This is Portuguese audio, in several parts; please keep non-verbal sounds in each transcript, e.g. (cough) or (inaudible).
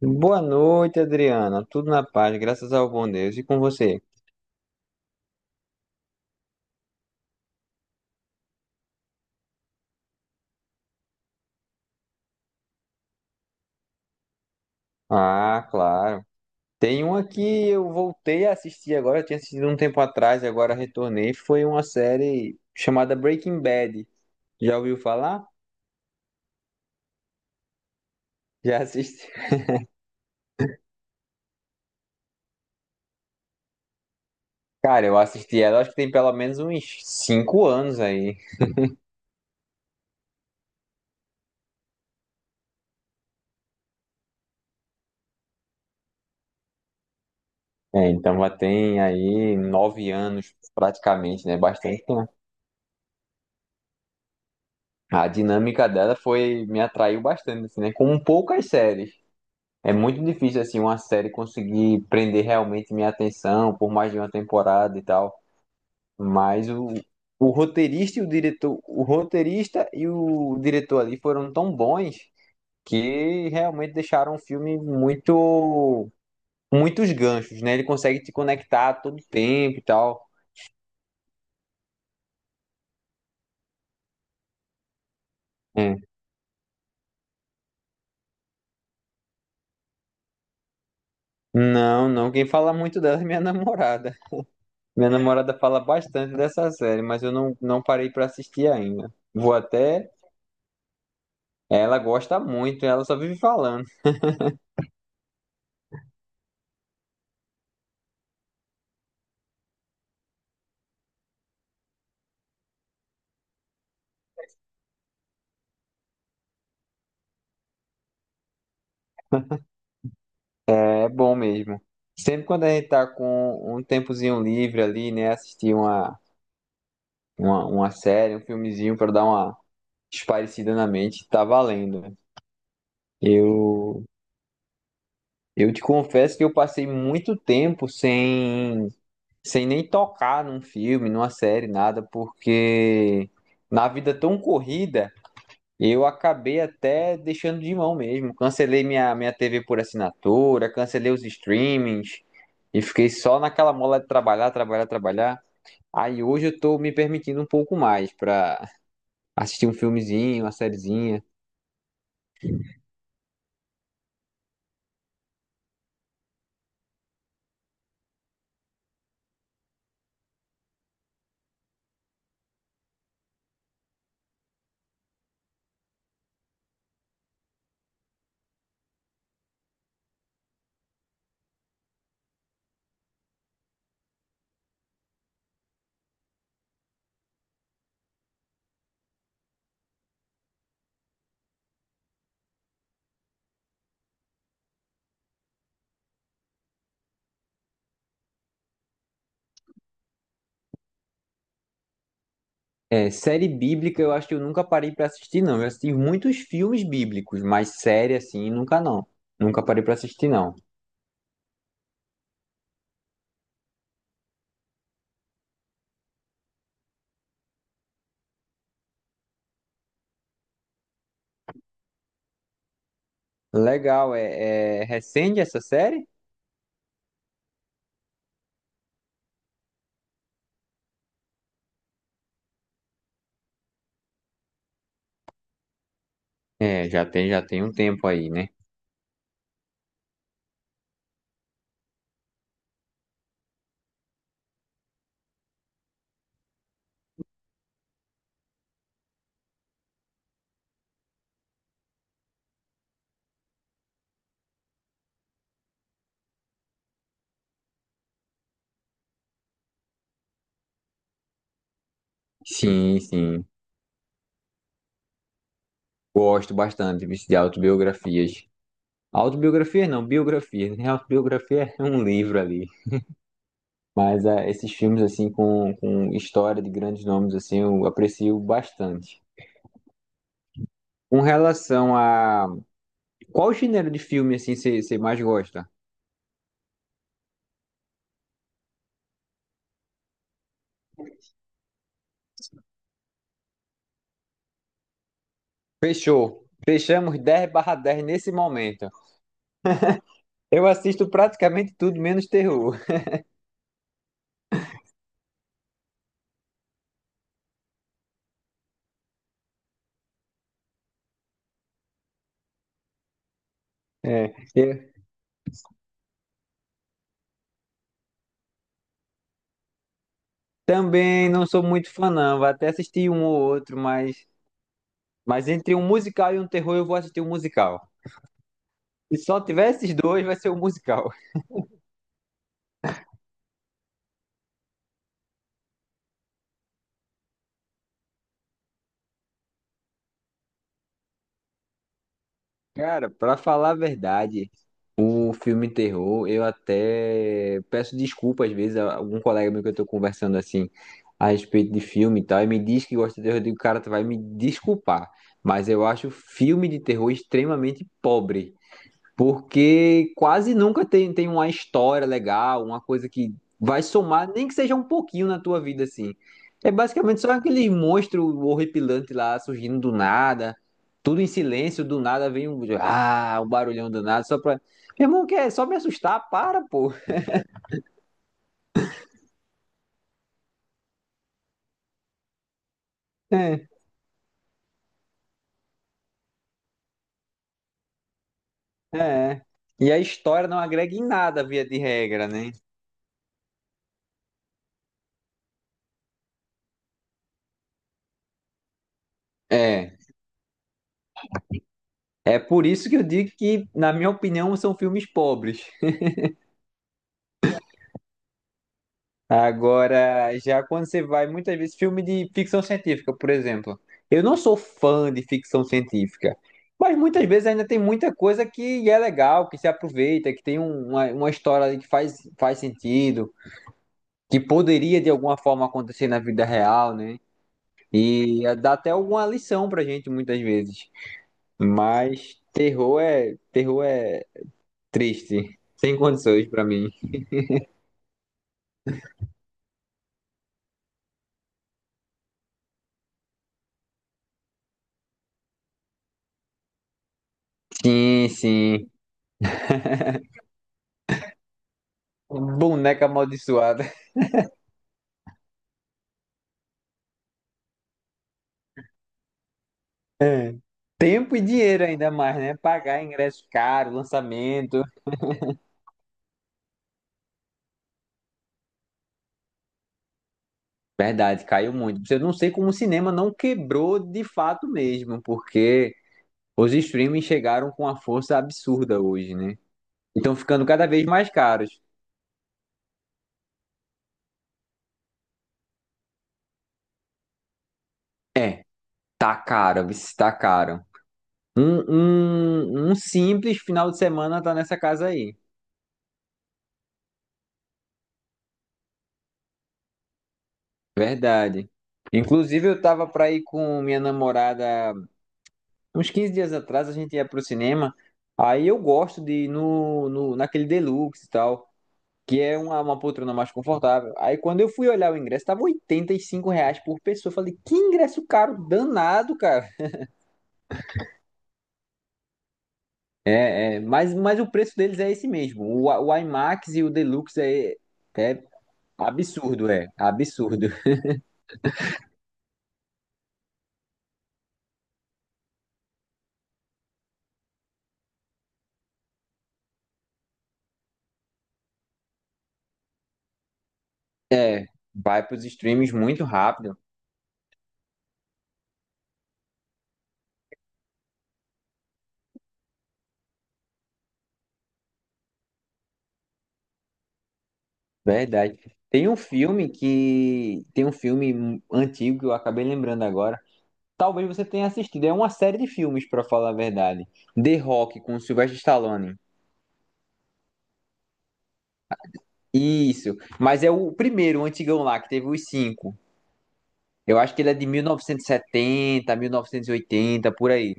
Boa noite, Adriana. Tudo na paz, graças ao bom Deus. E com você? Ah, claro. Tem uma que eu voltei a assistir agora, eu tinha assistido um tempo atrás e agora retornei. Foi uma série chamada Breaking Bad. Já ouviu falar? Já assisti. (laughs) Cara, eu assisti ela, acho que tem pelo menos uns 5 anos aí. É, então já tem aí 9 anos praticamente, né? Bastante tempo. A dinâmica dela foi, me atraiu bastante, assim, né? Como poucas séries. É muito difícil assim uma série conseguir prender realmente minha atenção por mais de uma temporada e tal, mas o roteirista e o diretor, o roteirista e o diretor ali foram tão bons que realmente deixaram o filme muito muitos ganchos, né? Ele consegue te conectar a todo tempo e tal. É. Não, não, quem fala muito dela é minha namorada. Minha namorada fala bastante dessa série, mas eu não parei pra assistir ainda. Vou até ela gosta muito, ela só vive falando. É bom mesmo. Sempre quando a gente tá com um tempozinho livre ali, né? Assistir uma série, um filmezinho pra dar uma espairecida na mente, tá valendo. Né? Eu, eu te confesso que eu passei muito tempo sem nem tocar num filme, numa série, nada, porque na vida tão corrida. Eu acabei até deixando de mão mesmo. Cancelei minha TV por assinatura, cancelei os streamings e fiquei só naquela mola de trabalhar, trabalhar, trabalhar. Aí hoje eu tô me permitindo um pouco mais pra assistir um filmezinho, uma sériezinha. É, série bíblica eu acho que eu nunca parei pra assistir, não. Eu assisti muitos filmes bíblicos, mas série assim, nunca não. Nunca parei pra assistir, não. Legal, é, é recente essa série? É, já tem um tempo aí, né? Sim, sim. Gosto bastante vixe, de autobiografias. Autobiografias não, biografia, né? (laughs) Autobiografia é um livro ali. Mas ah, esses filmes, assim, com história de grandes nomes, assim, eu aprecio bastante. Com relação a... Qual gênero de filme, assim, você mais gosta? Fechou. Fechamos 10/10 nesse momento. Eu assisto praticamente tudo, menos terror. (laughs) É, eu também não sou muito fã, não. Vou até assistir um ou outro, mas... Mas entre um musical e um terror, eu vou assistir um musical. Se só tiver esses dois, vai ser um musical. Cara, pra falar a verdade, o filme terror, eu até peço desculpa às vezes a algum colega meu que eu tô conversando assim a respeito de filme e tal, e me diz que gosta de terror, eu digo, cara, tu vai me desculpar, mas eu acho filme de terror extremamente pobre. Porque quase nunca tem, tem uma história legal, uma coisa que vai somar, nem que seja um pouquinho na tua vida, assim. É basicamente só aquele monstro horripilante lá surgindo do nada, tudo em silêncio, do nada vem um, ah, um barulhão do nada, só pra. Meu irmão, quer só me assustar? Para, pô. (laughs) É, é. É. E a história não agrega em nada, via de regra, né? É. É por isso que eu digo que, na minha opinião, são filmes pobres. Agora, já quando você vai, muitas vezes, filme de ficção científica, por exemplo. Eu não sou fã de ficção científica, mas muitas vezes ainda tem muita coisa que é legal, que se aproveita, que tem uma história ali que faz, faz sentido, que poderia de alguma forma acontecer na vida real, né? E dá até alguma lição pra gente muitas vezes. Mas terror é triste, sem condições pra mim. Sim, sim. Boneca amaldiçoada. É. Tempo e dinheiro ainda mais, né? Pagar ingresso caro, lançamento. Verdade, caiu muito. Eu não sei como o cinema não quebrou de fato mesmo, porque os streaming chegaram com uma força absurda hoje, né? então ficando cada vez mais caros. É, tá caro, viu? Tá caro. Um, um simples final de semana tá nessa casa aí. Verdade. Inclusive, eu tava pra ir com minha namorada uns 15 dias atrás a gente ia pro cinema. Aí eu gosto de ir no, no, naquele Deluxe e tal, que é uma poltrona mais confortável. Aí quando eu fui olhar o ingresso, tava R$ 85 por pessoa. Eu falei, que ingresso caro, danado, cara. É, é, mas o preço deles é esse mesmo. O IMAX e o Deluxe é, é absurdo, é absurdo. É, vai pros streams muito rápido, verdade. Tem um filme que tem um filme antigo que eu acabei lembrando agora, talvez você tenha assistido. É uma série de filmes, pra falar a verdade. The Rock com Sylvester Stallone. Isso. Mas é o primeiro, o antigão lá, que teve os cinco. Eu acho que ele é de 1970, 1980, por aí.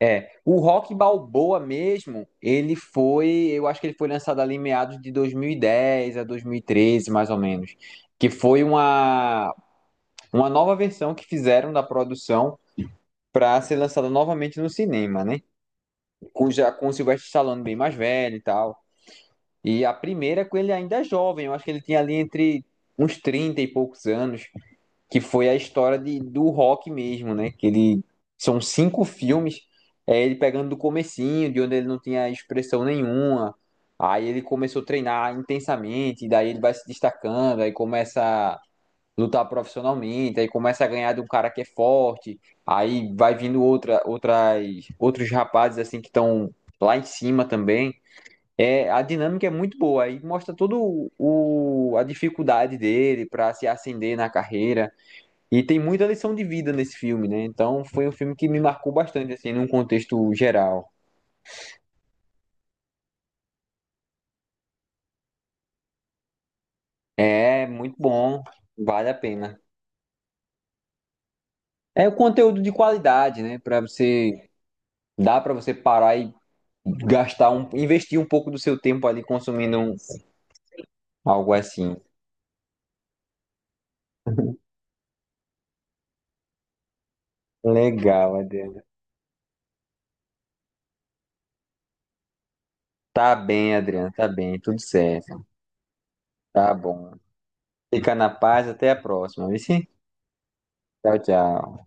É. O Rock Balboa mesmo, ele foi. Eu acho que ele foi lançado ali em meados de 2010 a 2013, mais ou menos. Que foi uma nova versão que fizeram da produção pra ser lançada novamente no cinema, né? Com, já com o Sylvester Stallone bem mais velho e tal. E a primeira com ele ainda é jovem, eu acho que ele tinha ali entre uns 30 e poucos anos, que foi a história de, do rock mesmo, né? Que ele são cinco filmes, é ele pegando do comecinho, de onde ele não tinha expressão nenhuma. Aí ele começou a treinar intensamente, e daí ele vai se destacando, aí começa lutar profissionalmente, aí começa a ganhar de um cara que é forte, aí vai vindo outros rapazes assim que estão lá em cima também. É, a dinâmica é muito boa, aí mostra a dificuldade dele para se ascender na carreira e tem muita lição de vida nesse filme, né? Então foi um filme que me marcou bastante assim, num contexto geral. É muito bom, vale a pena. É o conteúdo de qualidade, né? Para você dá para você parar e gastar um, investir um pouco do seu tempo ali consumindo um- algo assim. Legal, Adriana. Tá bem, Adriana, tá bem, tudo certo. Tá bom. Fica na paz, até a próxima, viu? Tchau, tchau.